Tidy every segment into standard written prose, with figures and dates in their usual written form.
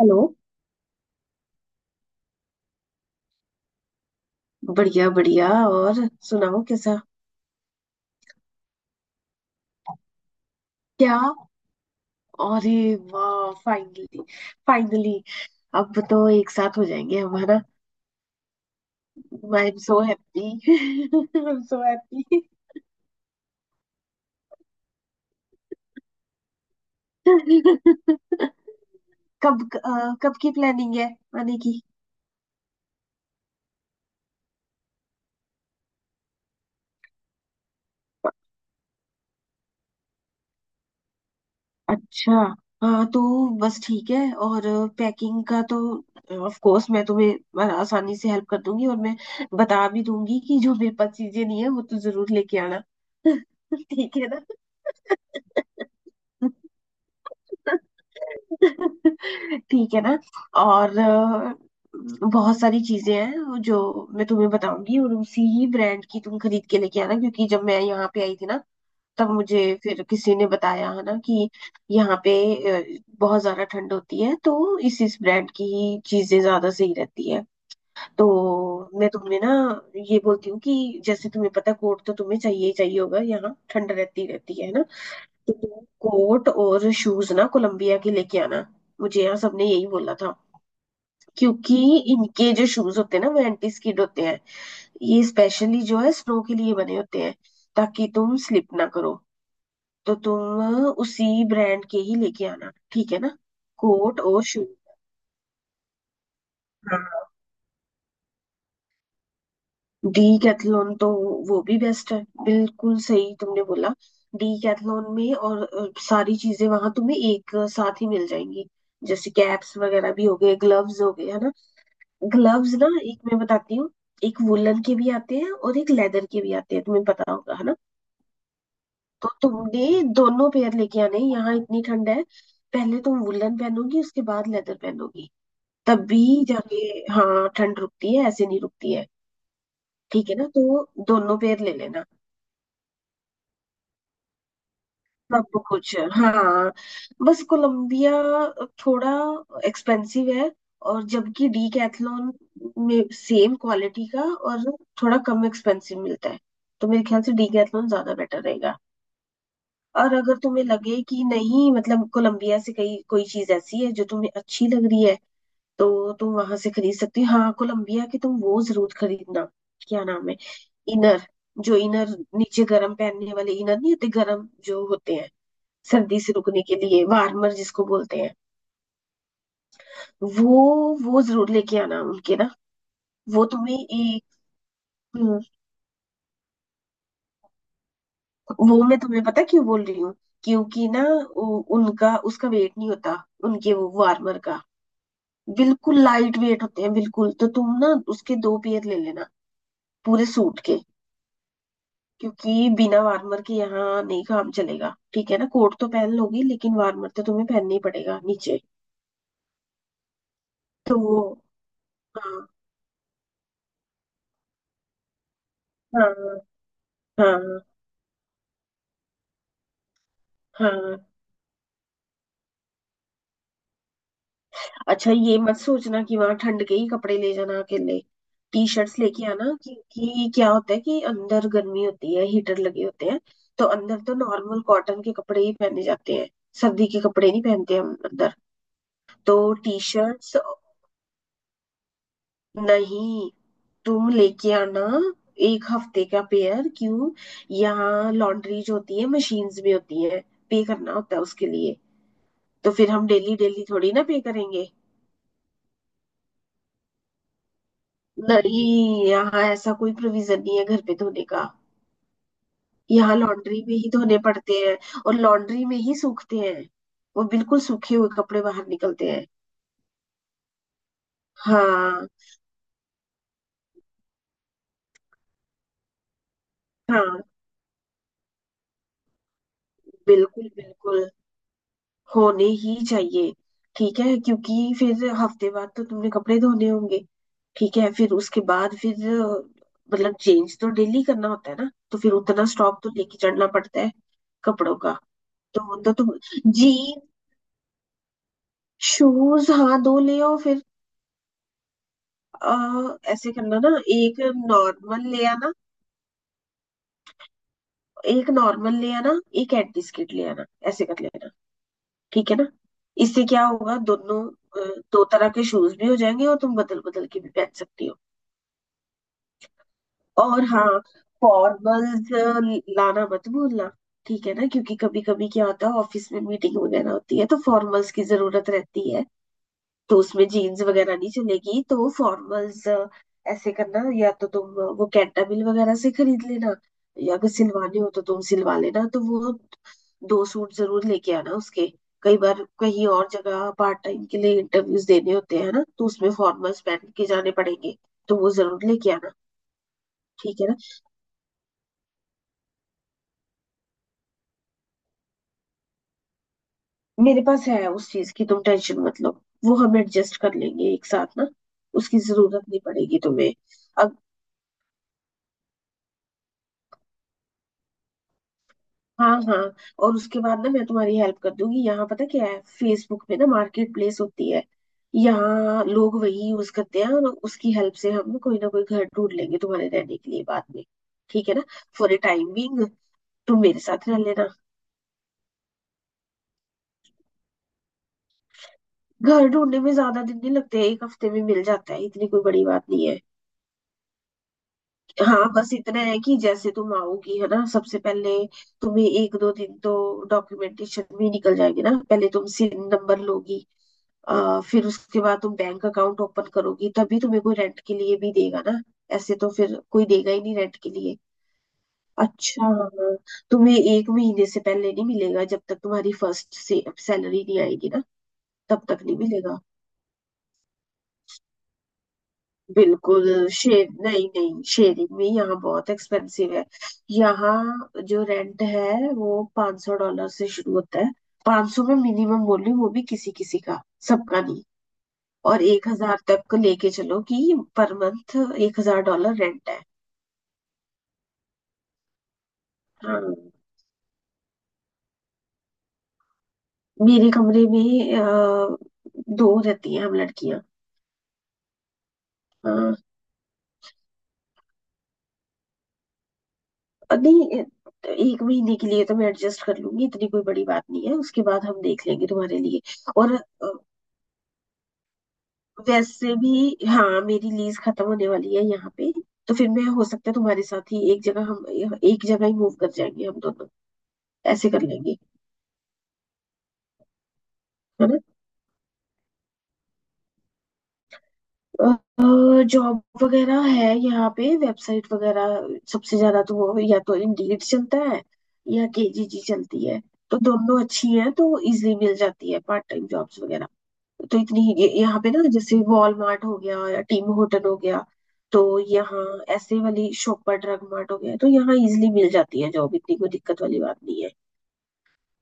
Hello. बढ़िया बढ़िया। और सुनाओ कैसा? क्या? अरे! वाह फाइनली! फाइनली! अब तो एक साथ हो जाएंगे हमारा। I am so happy. I am so happy. कब की प्लानिंग है आने की? अच्छा। हाँ तो बस ठीक है। और पैकिंग का तो ऑफ कोर्स मैं तुम्हें आसानी से हेल्प कर दूंगी और मैं बता भी दूंगी कि जो मेरे पास चीजें नहीं है वो तो जरूर लेके आना। ठीक है ना। ठीक है ना। और बहुत सारी चीजें हैं जो मैं तुम्हें बताऊंगी और उसी ही ब्रांड की तुम खरीद के लेके आना, क्योंकि जब मैं यहाँ पे आई थी ना तब मुझे फिर किसी ने बताया है ना कि यहाँ पे बहुत ज्यादा ठंड होती है, तो इस ब्रांड की ही चीजें ज्यादा सही रहती है। तो मैं तुम्हें ना ये बोलती हूँ कि जैसे तुम्हें पता, कोट तो तुम्हें चाहिए ही चाहिए होगा, यहाँ ठंड रहती रहती है ना। तो तुम कोट और शूज ना कोलंबिया के लेके आना। मुझे यहाँ सबने यही बोला था, क्योंकि इनके जो शूज होते हैं ना वो एंटी स्किड होते हैं। ये स्पेशली जो है स्नो के लिए बने होते हैं, ताकि तुम स्लिप ना करो। तो तुम उसी ब्रांड के ही लेके आना, ठीक है ना। कोट और शूज। डीकैथलॉन तो वो भी बेस्ट है, बिल्कुल सही तुमने बोला। डीकैथलॉन में और सारी चीजें वहां तुम्हें एक साथ ही मिल जाएंगी, जैसे कैप्स वगैरह भी हो गए, ग्लव्स हो गए, है ना। ग्लव्स ना, एक मैं बताती हूँ। एक वुलन के भी आते हैं और एक लेदर के भी आते हैं, तुम्हें पता होगा है ना। तो तुमने दोनों पेयर लेके आने हैं। यहाँ इतनी ठंड है, पहले तुम वुलन पहनोगी उसके बाद लेदर पहनोगी। तब भी जाके हाँ ठंड रुकती है, ऐसे नहीं रुकती है। ठीक है ना, तो दोनों पेयर ले लेना। सब कुछ है हाँ। बस कोलंबिया थोड़ा एक्सपेंसिव है, और जबकि डीकैथलॉन में सेम क्वालिटी का और थोड़ा कम एक्सपेंसिव मिलता है, तो मेरे ख्याल से डीकैथलॉन ज्यादा बेटर रहेगा। और अगर तुम्हें लगे कि नहीं, मतलब कोलंबिया से कहीं कोई चीज ऐसी है जो तुम्हें अच्छी लग रही है, तो तुम वहां से खरीद सकती हो। हाँ कोलंबिया की तुम वो जरूर खरीदना। क्या नाम है? इनर। जो इनर नीचे गरम पहनने वाले इनर नहीं होते, गरम जो होते हैं सर्दी से रुकने के लिए वार्मर जिसको बोलते हैं, वो जरूर लेके आना उनके ना। वो तुम्हें एक हम्म, वो मैं तुम्हें पता क्यों बोल रही हूँ? क्योंकि ना उनका उसका वेट नहीं होता, उनके वो वार्मर का। बिल्कुल लाइट वेट होते हैं बिल्कुल, तो तुम ना उसके दो पेयर ले लेना, पूरे सूट के। क्योंकि बिना वार्मर के यहाँ नहीं काम चलेगा, ठीक है ना। कोट तो पहन लोगी लेकिन वार्मर तो तुम्हें पहनना ही पड़ेगा नीचे। तो वो हाँ हाँ हाँ। हाँ हाँ। अच्छा, ये मत सोचना कि वहां ठंड के ही कपड़े ले जाना अकेले। टी शर्ट्स लेके आना, क्योंकि क्या होता है कि अंदर गर्मी होती है, हीटर लगे होते हैं, तो अंदर तो नॉर्मल कॉटन के कपड़े ही पहने जाते हैं। सर्दी के कपड़े नहीं पहनते हम अंदर। तो टी शर्ट्स नहीं, तुम लेके आना एक हफ्ते का पेयर। क्यों? यहाँ लॉन्ड्रीज होती है, मशीन्स भी होती है, पे करना होता है उसके लिए, तो फिर हम डेली डेली थोड़ी ना पे करेंगे। नहीं, यहाँ ऐसा कोई प्रोविजन नहीं है घर पे धोने का। यहाँ लॉन्ड्री में ही धोने पड़ते हैं और लॉन्ड्री में ही सूखते हैं, वो बिल्कुल सूखे हुए कपड़े बाहर निकलते हैं। हाँ हाँ बिल्कुल बिल्कुल, होने ही चाहिए। ठीक है, क्योंकि फिर हफ्ते बाद तो तुमने कपड़े धोने होंगे। ठीक है, फिर उसके बाद फिर मतलब चेंज तो डेली करना होता है ना, तो फिर उतना स्टॉक तो लेके चढ़ना पड़ता है कपड़ों का। तो वो तो तुम जीन शूज हाँ दो ले आओ फिर। ऐसे करना ना, एक नॉर्मल ले आना, एक नॉर्मल ले आना, एक एंटी स्किट ले आना, ऐसे कर लेना। ठीक है ना। इससे क्या होगा, दोनों दो तरह के शूज भी हो जाएंगे, और तुम बदल बदल के भी पहन सकती हो। और हाँ, फॉर्मल्स लाना मत भूलना। ठीक है ना। क्योंकि कभी कभी क्या होता है, ऑफिस में मीटिंग वगैरह होती है, तो फॉर्मल्स की जरूरत रहती है, तो उसमें जीन्स वगैरह नहीं चलेगी। तो फॉर्मल्स ऐसे करना, या तो तुम वो कैंटाबिल वगैरह से खरीद लेना, या अगर सिलवाने हो तो तुम सिलवा लेना, तो वो दो सूट जरूर लेके आना उसके। कई बार कहीं और जगह पार्ट टाइम के लिए इंटरव्यूज देने होते हैं ना, तो उसमें फॉर्मल्स पहन के जाने पड़ेंगे। तो वो जरूर लेके आना, ठीक है ना। मेरे पास है, उस चीज की तुम टेंशन मत लो, वो हम एडजस्ट कर लेंगे एक साथ ना। उसकी जरूरत नहीं पड़ेगी तुम्हें। हाँ हाँ। और उसके बाद ना मैं तुम्हारी हेल्प कर दूंगी, यहाँ पता क्या है, फेसबुक पे ना मार्केट प्लेस होती है। यहाँ लोग वही यूज करते हैं, और उसकी हेल्प से हम ना कोई घर ढूंढ लेंगे तुम्हारे रहने के लिए बाद में। ठीक है ना। फॉर ए टाइमिंग तुम मेरे साथ रह लेना। घर ढूंढने में ज्यादा दिन नहीं लगते, एक हफ्ते में मिल जाता है, इतनी कोई बड़ी बात नहीं है। हाँ, बस इतना है कि जैसे तुम आओगी है ना, सबसे पहले तुम्हें एक दो दिन तो डॉक्यूमेंटेशन में निकल जाएगी ना, पहले तुम सिन नंबर लोगी, फिर उसके बाद तुम बैंक अकाउंट ओपन करोगी, तभी तुम्हें कोई रेंट के लिए भी देगा ना। ऐसे तो फिर कोई देगा ही नहीं रेंट के लिए। अच्छा हाँ, तुम्हें एक महीने से पहले नहीं मिलेगा, जब तक तुम्हारी फर्स्ट से सैलरी नहीं आएगी ना। तब तक नहीं मिलेगा। बिल्कुल शेर नहीं नहीं, शेयरिंग में यहाँ बहुत एक्सपेंसिव है। यहाँ जो रेंट है वो $500 से शुरू होता है। 500 में मिनिमम बोल रही हूँ, वो भी किसी किसी का, सबका नहीं। और 1,000 तक को लेके चलो, कि पर मंथ $1,000 रेंट है। हाँ मेरे कमरे में दो रहती हैं हम लड़कियां। हाँ और नहीं एक महीने के लिए तो मैं एडजस्ट कर लूंगी, इतनी कोई बड़ी बात नहीं है, उसके बाद हम देख लेंगे तुम्हारे लिए। और अ, वैसे भी हाँ, मेरी लीज खत्म होने वाली है यहाँ पे, तो फिर मैं हो सकता है तुम्हारे साथ ही एक जगह हम एक जगह ही मूव कर जाएंगे हम दोनों। ऐसे कर लेंगे, है ना। जॉब वगैरह है यहाँ पे, वेबसाइट वगैरह सबसे ज्यादा तो वो या तो इंडीड चलता है या केजीजी चलती है। तो दोनों अच्छी हैं, तो इजीली मिल जाती है पार्ट टाइम जॉब्स वगैरह। तो इतनी यहाँ पे ना, जैसे वॉलमार्ट हो गया या टीम होटल हो गया, तो यहाँ ऐसे वाली शॉप पर ड्रग मार्ट हो गया, तो यहाँ इजिली मिल जाती है जॉब, इतनी कोई दिक्कत वाली बात नहीं है।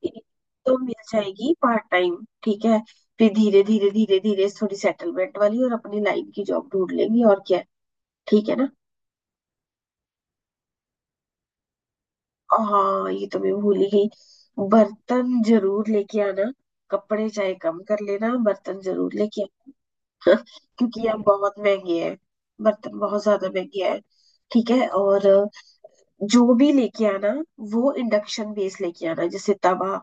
एक तो मिल जाएगी पार्ट टाइम। ठीक है, फिर धीरे धीरे धीरे धीरे थोड़ी सेटलमेंट वाली और अपनी लाइन की जॉब ढूंढ लेंगे, और क्या है। ठीक है ना। हाँ ये तो मैं भूल ही गई। बर्तन जरूर लेके आना, कपड़े चाहे कम कर लेना, बर्तन जरूर लेके। क्योंकि ये बहुत महंगी है, बर्तन बहुत ज्यादा महंगे है। ठीक है, और जो भी लेके आना वो इंडक्शन बेस लेके आना, जैसे तवा,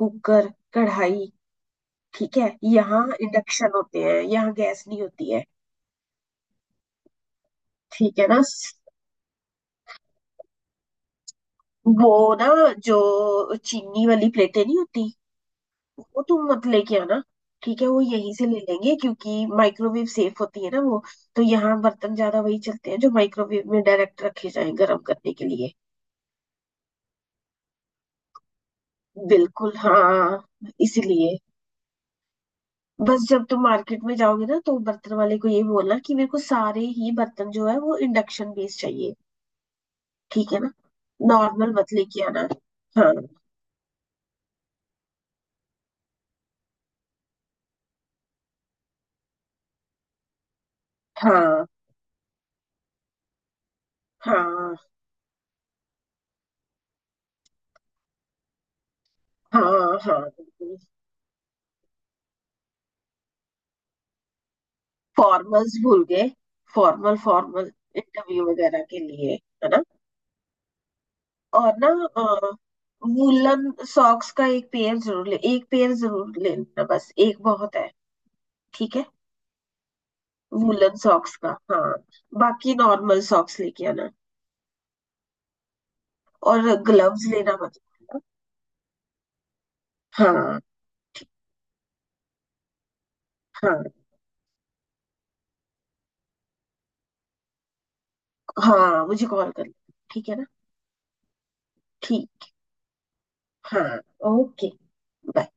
कुकर, कढ़ाई। ठीक है, यहाँ इंडक्शन होते हैं, यहाँ गैस नहीं होती है। ठीक है ना। वो ना, जो चीनी वाली प्लेटें नहीं होती वो तुम मत लेके आना। ठीक है, वो यहीं से ले लेंगे क्योंकि माइक्रोवेव सेफ होती है ना वो। तो यहाँ बर्तन ज्यादा वही चलते हैं जो माइक्रोवेव में डायरेक्ट रखे जाएं गर्म करने के लिए। बिल्कुल हाँ। इसीलिए बस जब तुम मार्केट में जाओगे ना, तो बर्तन वाले को ये बोलना कि मेरे को सारे ही बर्तन जो है वो इंडक्शन बेस्ड चाहिए। ठीक है ना। नॉर्मल मत लेके आना। हाँ हाँ हाँ। हाँ हाँ बिल्कुल। फॉर्मल्स भूल गए। फॉर्मल फॉर्मल इंटरव्यू वगैरह के लिए, है ना। और ना अ, वूलन सॉक्स का एक पेयर जरूर ले लेना, बस एक बहुत है। ठीक है। वूलन सॉक्स का हाँ, बाकी नॉर्मल सॉक्स लेके आना। और ग्लव्स लेना मत। हाँ हाँ। हाँ मुझे कॉल कर लेना, ठीक है ना। ठीक। हाँ। ओके। बाय।